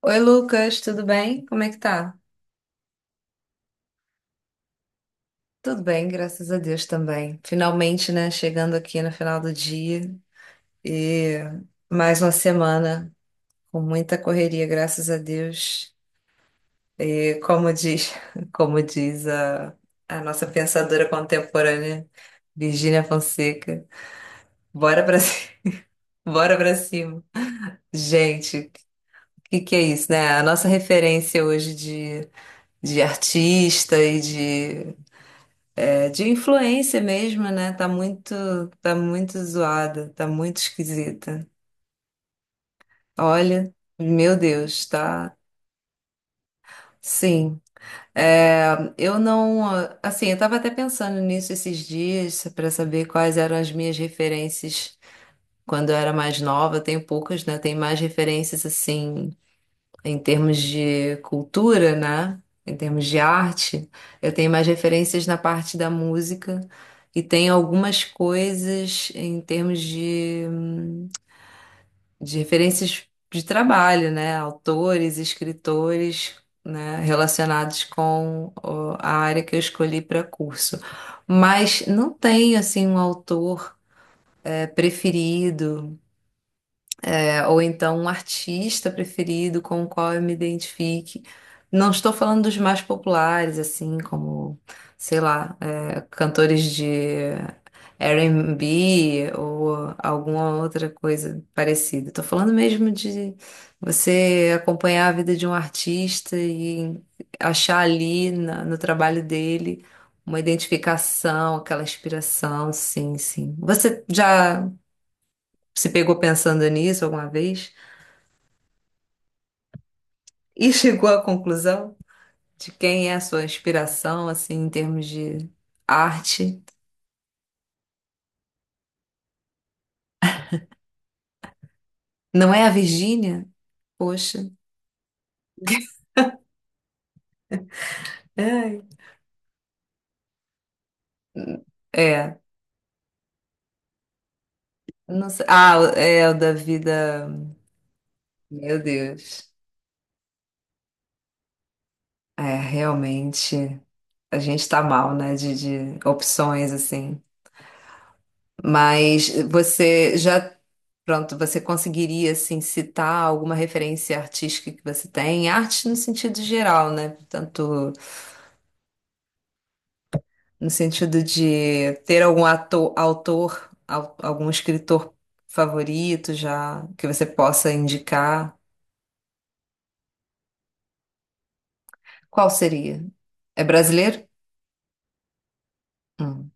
Oi, Lucas, tudo bem? Como é que tá? Tudo bem, graças a Deus também. Finalmente, né, chegando aqui no final do dia e mais uma semana com muita correria, graças a Deus. E como diz a nossa pensadora contemporânea, Virgínia Fonseca, bora pra, ci- bora pra cima. Gente, o que que é isso, né? A nossa referência hoje de artista e de. É de influência mesmo, né? Tá muito zoada, tá muito esquisita. Olha, meu Deus, tá. Sim. É, eu não, assim, eu tava até pensando nisso esses dias para saber quais eram as minhas referências quando eu era mais nova. Eu tenho poucas, né? Eu tenho mais referências assim em termos de cultura, né? Em termos de arte, eu tenho mais referências na parte da música e tenho algumas coisas em termos de referências de trabalho, né? Autores, escritores, né? Relacionados com ó, a área que eu escolhi para curso. Mas não tenho, assim, um autor preferido. Ou então um artista preferido com o qual eu me identifique. Não estou falando dos mais populares, assim, como, sei lá, cantores de R&B ou alguma outra coisa parecida. Estou falando mesmo de você acompanhar a vida de um artista e achar ali no trabalho dele uma identificação, aquela inspiração, sim, sim. Você já se pegou pensando nisso alguma vez? E chegou à conclusão de quem é a sua inspiração, assim, em termos de arte. Não é a Virgínia? Poxa. Ai. É. Não sei. Ah, é o da vida. Meu Deus. É, realmente, a gente tá mal, né, de opções, assim. Mas você já, pronto, você conseguiria, assim, citar alguma referência artística que você tem? Arte no sentido geral, né? Tanto no sentido de ter algum ator, autor, algum escritor favorito já que você possa indicar? Qual seria? É brasileiro? Hum.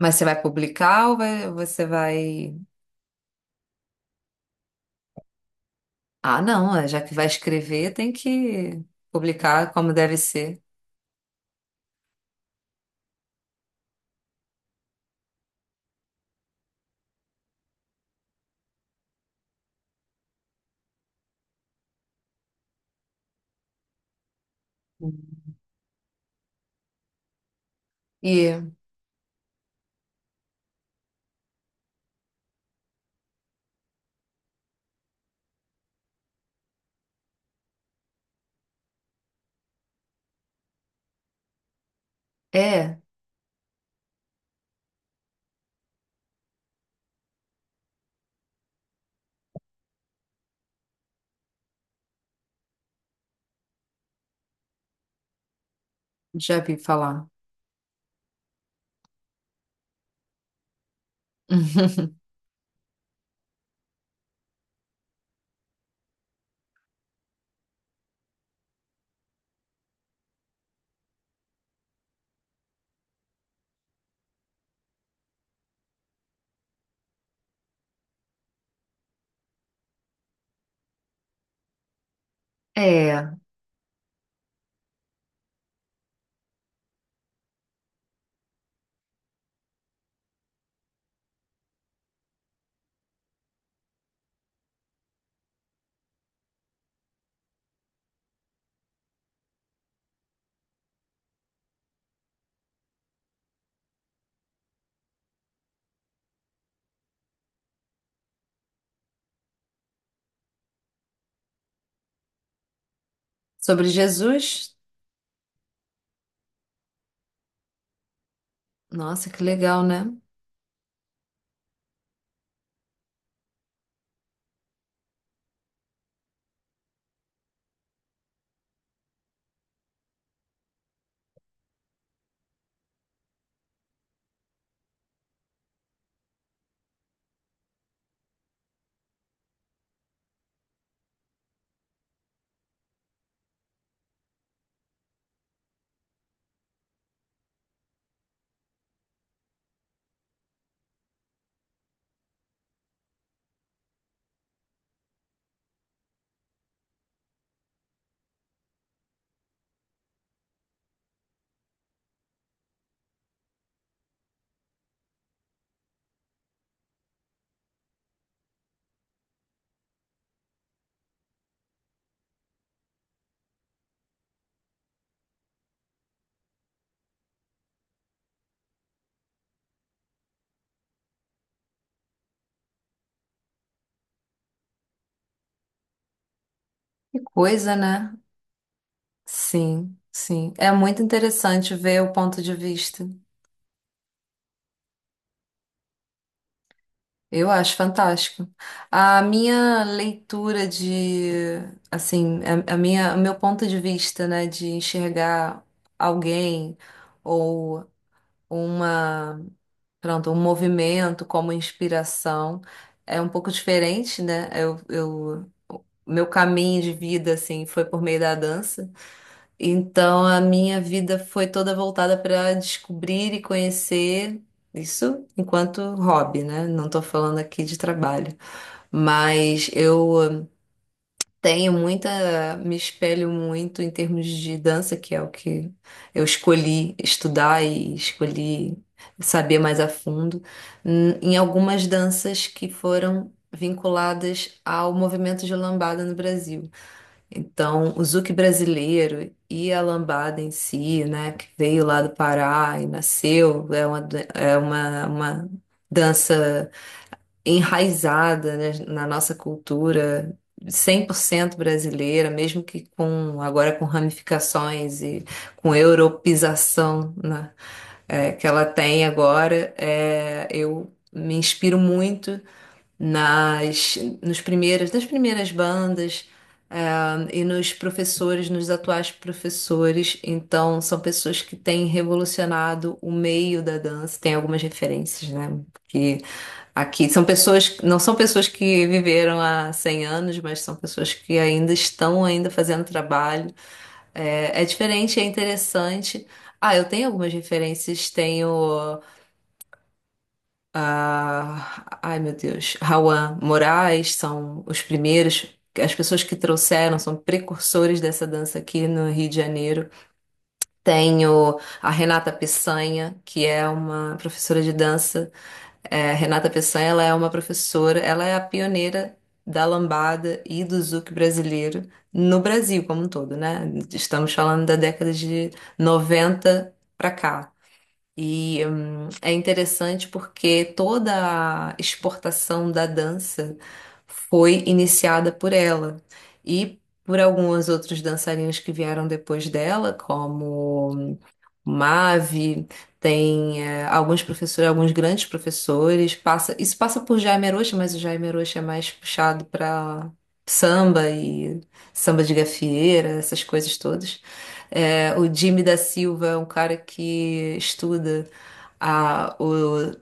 Mas você vai publicar ou você vai. Ah, não, já que vai escrever, tem que publicar como deve ser. Hum. E é, já vi falar. É, sobre Jesus. Nossa, que legal, né? Que coisa, né? Sim, sim. É muito interessante ver o ponto de vista. Eu acho fantástico. A minha leitura de, assim, a minha, o meu ponto de vista, né, de enxergar alguém ou uma, pronto, um movimento como inspiração é um pouco diferente, né? O meu caminho de vida, assim, foi por meio da dança. Então a minha vida foi toda voltada para descobrir e conhecer isso enquanto hobby, né? Não tô falando aqui de trabalho, mas eu tenho muita, me espelho muito em termos de dança, que é o que eu escolhi estudar e escolhi saber mais a fundo, em algumas danças que foram vinculadas ao movimento de lambada no Brasil. Então, o Zouk brasileiro e a lambada em si, né, que veio lá do Pará e nasceu, é uma dança enraizada, né, na nossa cultura, 100% brasileira, mesmo que com agora com ramificações e com europeização, né, que ela tem agora, eu me inspiro muito nas nos primeiras das primeiras bandas e nos professores, nos atuais professores. Então, são pessoas que têm revolucionado o meio da dança. Tem algumas referências, né? Que aqui são pessoas, não são pessoas que viveram há 100 anos, mas são pessoas que ainda estão ainda fazendo trabalho. É diferente, é interessante. Ah, eu tenho algumas referências, tenho a, ai meu Deus, Rawan Moraes são os primeiros, as pessoas que trouxeram, são precursores dessa dança aqui no Rio de Janeiro. Tenho a Renata Peçanha, que é uma professora de dança. É, Renata Peçanha, ela é uma professora, ela é a pioneira da lambada e do zouk brasileiro no Brasil como um todo, né? Estamos falando da década de 90 para cá. E é interessante porque toda a exportação da dança foi iniciada por ela e por algumas outras dançarinas que vieram depois dela, como Mave, tem alguns professores, alguns grandes professores, isso passa por Jaime Arocha, mas o Jaime Arocha é mais puxado para samba e samba de gafieira, essas coisas todas. O Jimmy da Silva é um cara que estuda o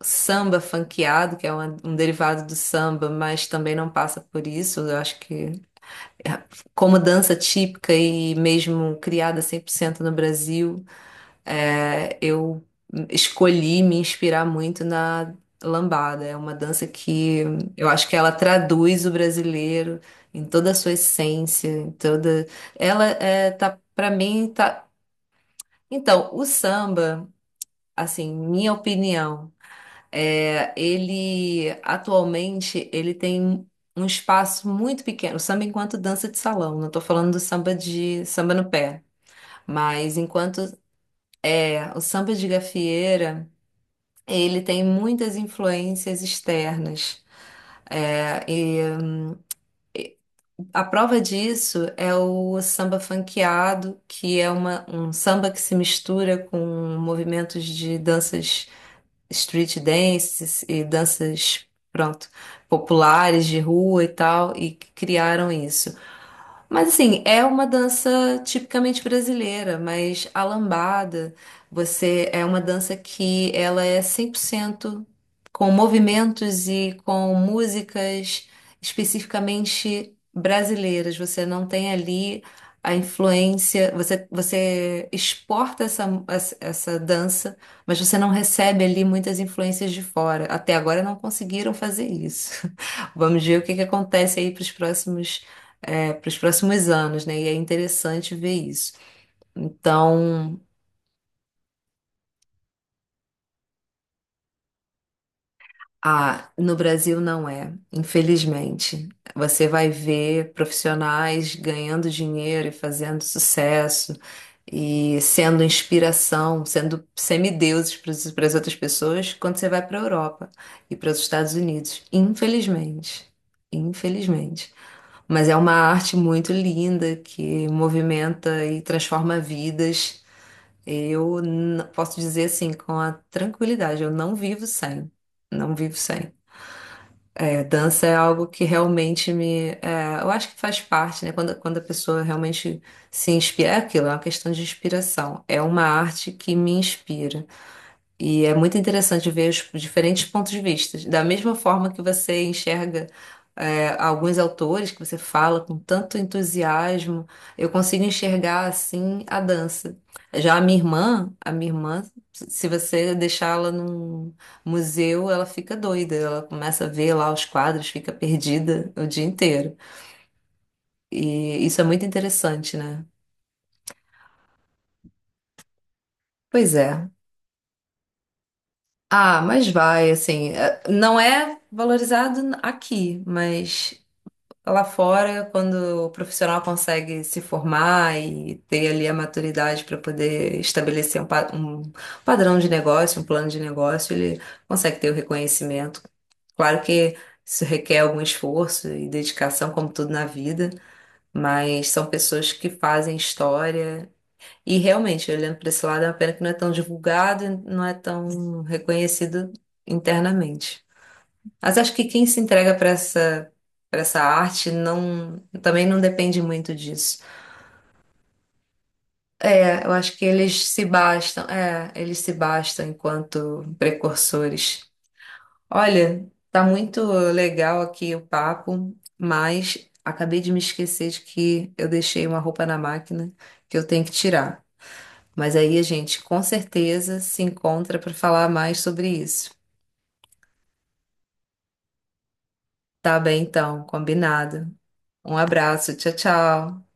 samba funkeado, que é um derivado do samba, mas também não passa por isso. Eu acho que, é, como dança típica e mesmo criada 100% no Brasil. É, eu escolhi me inspirar muito na lambada. É uma dança que eu acho que ela traduz o brasileiro em toda a sua essência, em toda. Ela é, tá para mim tá. Então, o samba, assim, minha opinião, ele atualmente ele tem um espaço muito pequeno. O samba enquanto dança de salão. Não estou falando do samba de samba no pé, mas enquanto o samba de gafieira. Ele tem muitas influências externas. É, e a prova disso é o samba funkeado, que é um samba que se mistura com movimentos de danças street dances e danças, pronto, populares de rua e tal, e que criaram isso. Mas assim, é uma dança tipicamente brasileira, mas a lambada, você é uma dança que ela é 100% com movimentos e com músicas especificamente brasileiras. Você não tem ali a influência, você exporta essa, essa dança, mas você não recebe ali muitas influências de fora. Até agora não conseguiram fazer isso. Vamos ver o que que acontece aí para os próximos anos, né? E é interessante ver isso. Então, no Brasil não é, infelizmente. Você vai ver profissionais ganhando dinheiro e fazendo sucesso e sendo inspiração, sendo semideuses para as outras pessoas quando você vai para a Europa e para os Estados Unidos, infelizmente. Infelizmente. Mas é uma arte muito linda que movimenta e transforma vidas. Eu posso dizer assim, com a tranquilidade, eu não vivo sem. Não vivo sem. É, dança é algo que realmente me. Eu acho que faz parte, né? Quando a pessoa realmente se inspira, é aquilo, é uma questão de inspiração. É uma arte que me inspira. E é muito interessante ver os diferentes pontos de vista. Da mesma forma que você enxerga alguns autores que você fala com tanto entusiasmo, eu consigo enxergar assim a dança. Já a minha irmã, se você deixá-la num museu, ela fica doida, ela começa a ver lá os quadros, fica perdida o dia inteiro. E isso é muito interessante, né? Pois é. Ah, mas vai, assim, não é valorizado aqui, mas lá fora, quando o profissional consegue se formar e ter ali a maturidade para poder estabelecer um padrão de negócio, um plano de negócio, ele consegue ter o reconhecimento. Claro que isso requer algum esforço e dedicação, como tudo na vida, mas são pessoas que fazem história. E realmente, olhando para esse lado, é uma pena que não é tão divulgado e não é tão reconhecido internamente. Mas acho que quem se entrega para essa arte não, também não depende muito disso. É, eu acho que eles se bastam enquanto precursores. Olha, tá muito legal aqui o papo, mas acabei de me esquecer de que eu deixei uma roupa na máquina que eu tenho que tirar. Mas aí a gente com certeza se encontra para falar mais sobre isso. Tá bem, então, combinado. Um abraço, tchau, tchau.